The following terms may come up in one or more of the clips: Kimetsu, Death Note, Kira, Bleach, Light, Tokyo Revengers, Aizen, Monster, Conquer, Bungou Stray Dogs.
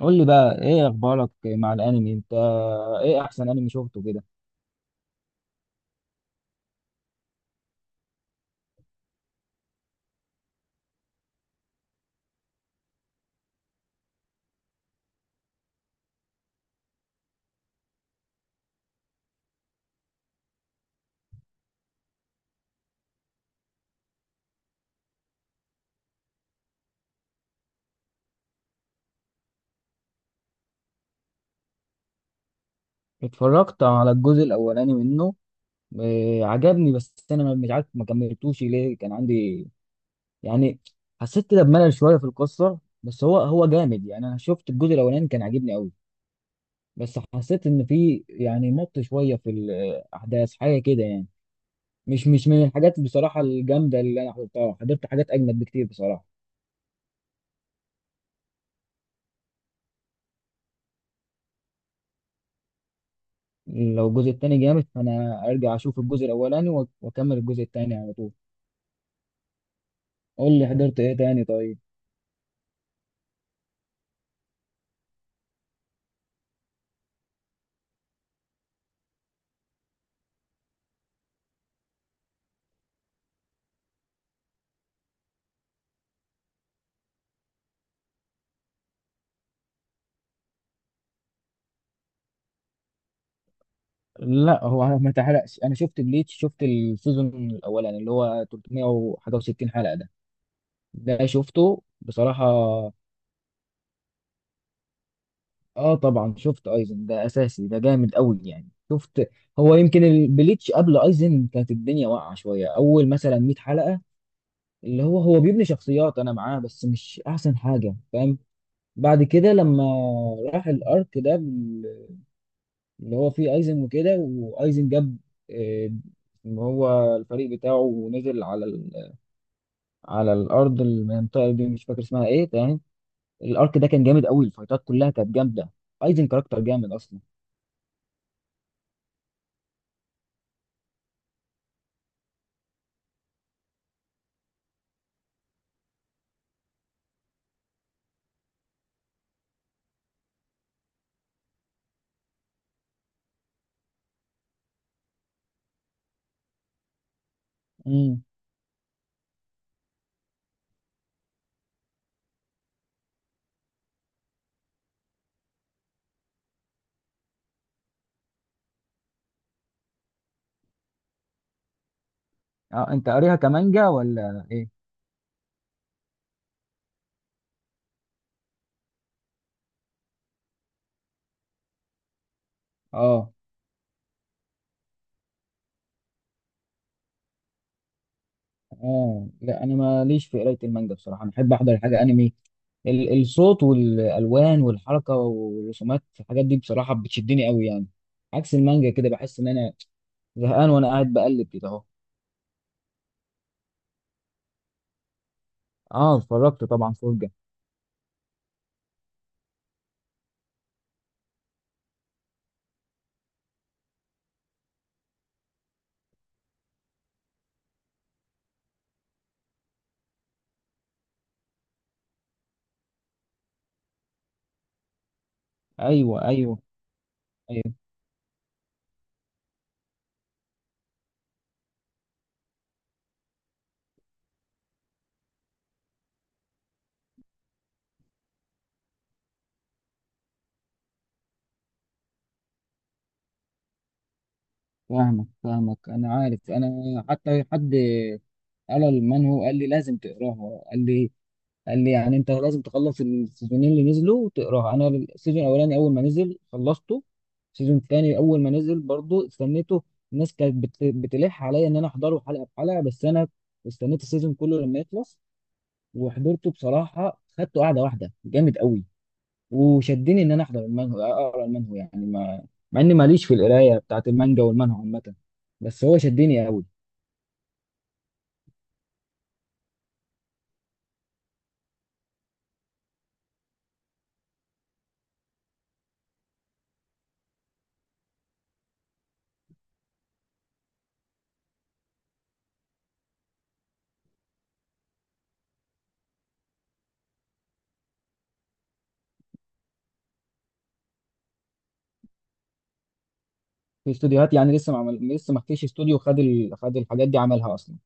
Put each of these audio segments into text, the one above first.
قول لي بقى ايه اخبارك مع الانمي انت؟ ايه احسن انمي شفته كده؟ اتفرجت على الجزء الاولاني منه. إيه، عجبني، بس انا مش عارف ما كملتوش ليه، كان عندي يعني حسيت كده بملل شويه في القصه، بس هو جامد يعني. انا شفت الجزء الاولاني كان عاجبني قوي، بس حسيت ان في يعني مط شويه في الاحداث حاجه كده يعني. مش من الحاجات بصراحه الجامده اللي انا حضرتها، حضرت حاجات اجمد بكتير بصراحه. لو الجزء التاني جامد فانا ارجع اشوف الجزء الاولاني واكمل الجزء التاني على طول. قول لي حضرت ايه تاني طيب؟ لا هو ما تحرقش. انا شفت بليتش، شفت السيزون الاولاني اللي هو 300 وحاجه و60 حلقه ده، ده شفته بصراحه. اه طبعا شفت ايزن، ده اساسي، ده جامد قوي يعني شفت. هو يمكن البليتش قبل ايزن كانت الدنيا واقعه شويه، اول مثلا 100 حلقه، اللي هو بيبني شخصيات، انا معاه بس مش احسن حاجه، فاهم؟ بعد كده لما راح الارك ده اللي هو فيه ايزن وكده، وايزن جاب آه، اللي هو الفريق بتاعه ونزل على على الارض، المنطقه دي مش فاكر اسمها ايه، تمام. الارك ده كان جامد قوي، الفايتات كلها كانت جامده. ايزن كاركتر جامد اصلا. امم اه انت قاريها كمانجا ولا ايه؟ اه، اه لا، انا ماليش في قرايه المانجا بصراحه، انا احب احضر حاجه انمي. الصوت والالوان والحركه والرسومات، الحاجات دي بصراحه بتشدني قوي يعني. عكس المانجا كده، بحس ان انا زهقان وانا قاعد بقلب كده اهو. اه اتفرجت طبعا، فرجه. ايوه ايوه. ايوه فاهمك انا عارف. انا حتى حد قال للمان، هو قال لي لازم تقراها، قال لي، قال لي يعني انت لازم تخلص السيزونين اللي نزلوا وتقراها. انا السيزون الاولاني اول ما نزل خلصته، السيزون الثاني اول ما نزل برضو استنيته. الناس كانت بتلح عليا ان انا احضره حلقه بحلقه، بس انا استنيت السيزون كله لما يخلص وحضرته بصراحه، خدته قاعده واحده جامد قوي. وشدني ان انا احضر المانهو، اقرا المانهو يعني ما مع اني ماليش في القرايه بتاعت المانجا والمانهو عامه، بس هو شدني قوي. في استوديوهات يعني لسه ما عمل... لسه ما فيش استوديو خد خد الحاجات دي عملها اصلا.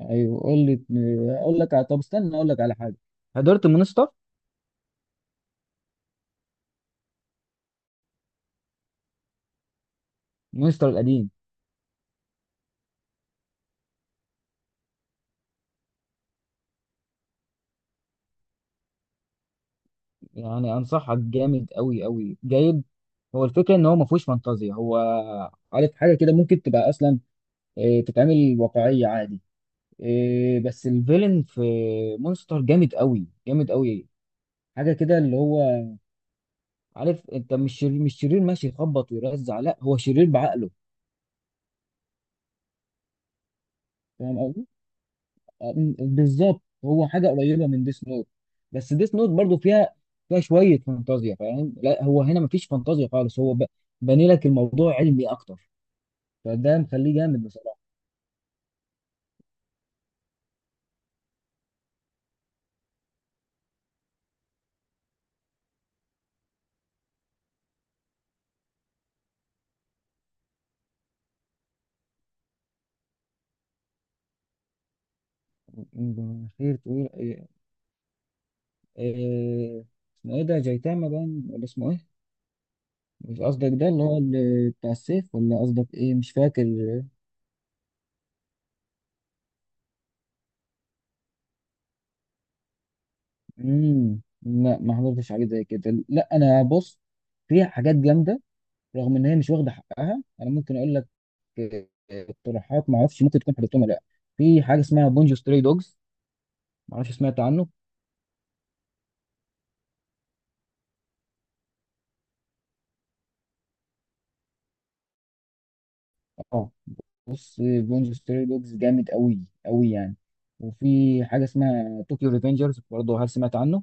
ايوه قول لي. اقول لك طب استنى اقول لك على حاجه، حضرت مونستر؟ مونستر القديم. يعني انصحك، جامد قوي قوي جيد. هو الفكره ان هو ما فيهوش فانتازيا، هو عارف حاجه كده ممكن تبقى اصلا تتعمل واقعيه عادي. بس الفيلن في مونستر جامد قوي جامد قوي. حاجه كده اللي هو، عارف، انت مش شرير ماشي يخبط ويرزع، لا هو شرير بعقله، فاهم؟ بالظبط هو حاجه قريبه من ديس نوت، بس ديس نوت برضو فيها، فيها شويه فانتازيا، فاهم؟ لا هو هنا مفيش فانتازيا خالص، هو باني لك الموضوع علمي اكتر، فده مخليه جامد بصراحه. خير تقول إيه- اسمه ايه ده، جايتاما باين ولا اسمه ايه؟ مش قصدك ده اللي هو اللي بتاع السيف، ولا قصدك ايه، مش فاكر. لا ما حضرتش حاجه زي كده، لا. انا بص، في حاجات جامده رغم ان هي مش واخده حقها، انا ممكن اقول لك اقتراحات، ما اعرفش ممكن تكون حضرتهم ولا لا. في حاجه اسمها بونجو ستري دوجز، ما اعرفش سمعت عنه. اه بص بونجو ستري دوجز جامد قوي قوي يعني. وفي حاجه اسمها طوكيو ريفنجرز برضه، هل سمعت عنه؟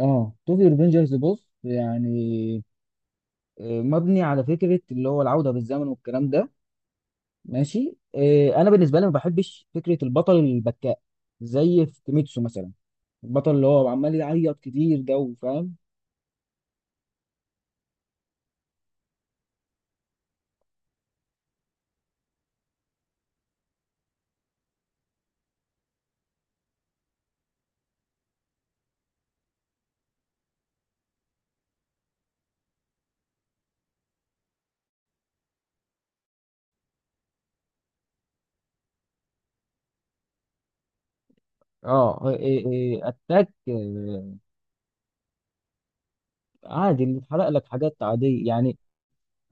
اه طوكيو ريفنجرز بص يعني مبني على فكره اللي هو العوده بالزمن والكلام ده ماشي. انا بالنسبه لي ما بحبش فكره البطل البكاء، زي في كيميتسو مثلا، البطل اللي هو عمال يعيط كتير ده، فاهم؟ اه، اتاك عادي، اللي اتحرق لك حاجات عادية يعني،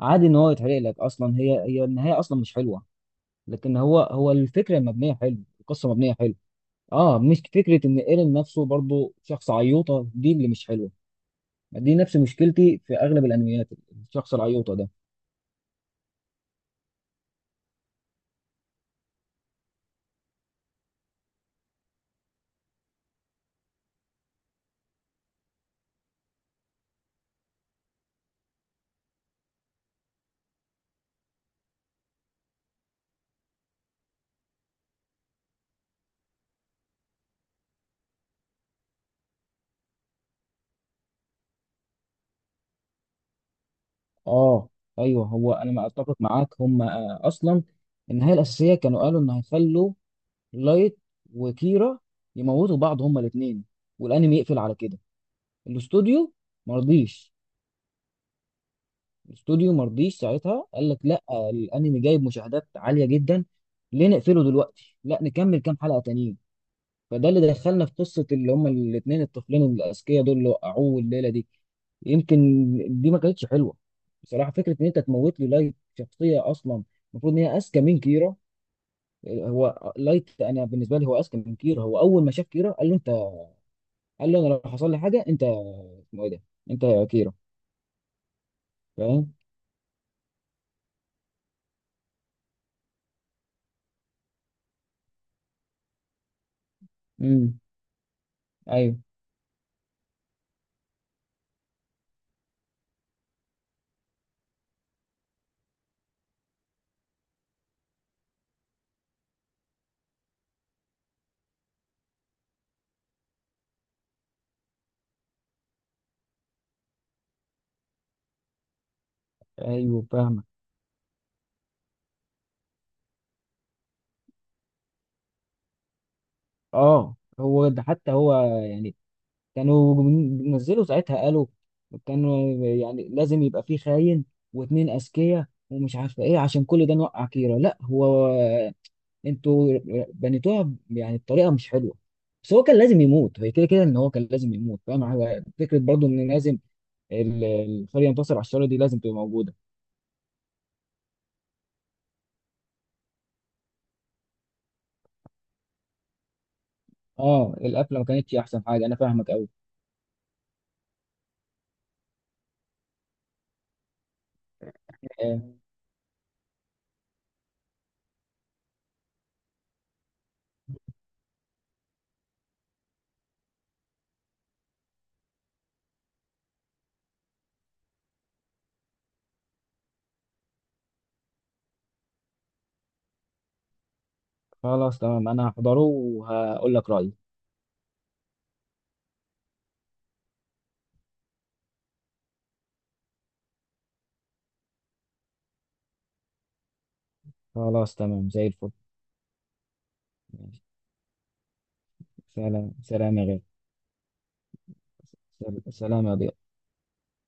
عادي ان هو يتحرق لك. اصلا هي النهاية اصلا مش حلوة، لكن هو الفكرة المبنية حلو، القصة مبنية حلو. اه مش فكرة، ان ايرين نفسه برضو شخص عيوطة، دي اللي مش حلوة، دي نفس مشكلتي في اغلب الانميات، الشخص العيوطة ده. اه ايوه هو انا ما اتفق معاك. هم اصلا النهاية الاساسية كانوا قالوا ان هيخلوا لايت وكيرا يموتوا بعض هما الاثنين، والانمي يقفل على كده. الاستوديو مرضيش، الاستوديو مرضيش ساعتها، قال لك لا، الانمي جايب مشاهدات عاليه جدا، ليه نقفله دلوقتي، لا نكمل كام حلقه تانيين. فده اللي دخلنا في قصه اللي هما الاثنين الطفلين الاذكياء دول اللي وقعوه الليله دي. يمكن دي ما كانتش حلوه بصراحه، فكره ان انت تموت لي لايت شخصيه اصلا المفروض ان هي اذكى من كيرا. هو لايت انا بالنسبه لي هو اذكى من كيرا، هو اول ما شاف كيرا قال له انت، قال له انا لو حصل لي حاجه انت اسمه ايه ده، انت يا كيرا، فاهم؟ امم ايوه ايوه فاهمك. اه هو ده حتى هو يعني كانوا بينزلوا ساعتها، قالوا كانوا يعني لازم يبقى فيه خاين واتنين اذكياء ومش عارفه ايه عشان كل ده نوقع كيرة، لا هو انتوا بنيتوها يعني بطريقه مش حلوه. بس هو كان لازم يموت، هي كده كده ان هو كان لازم يموت، فاهم؟ هو فكره برضو ان لازم ال- الخير ينتصر على الشر، دي لازم تبقى موجوده. اه القفله ما كانتش احسن حاجه، انا فاهمك قوي. آه، خلاص تمام انا هحضره وهقول لك رايي. خلاص تمام زي الفل. سلام سلام يا غالي، سلام يا ضياء.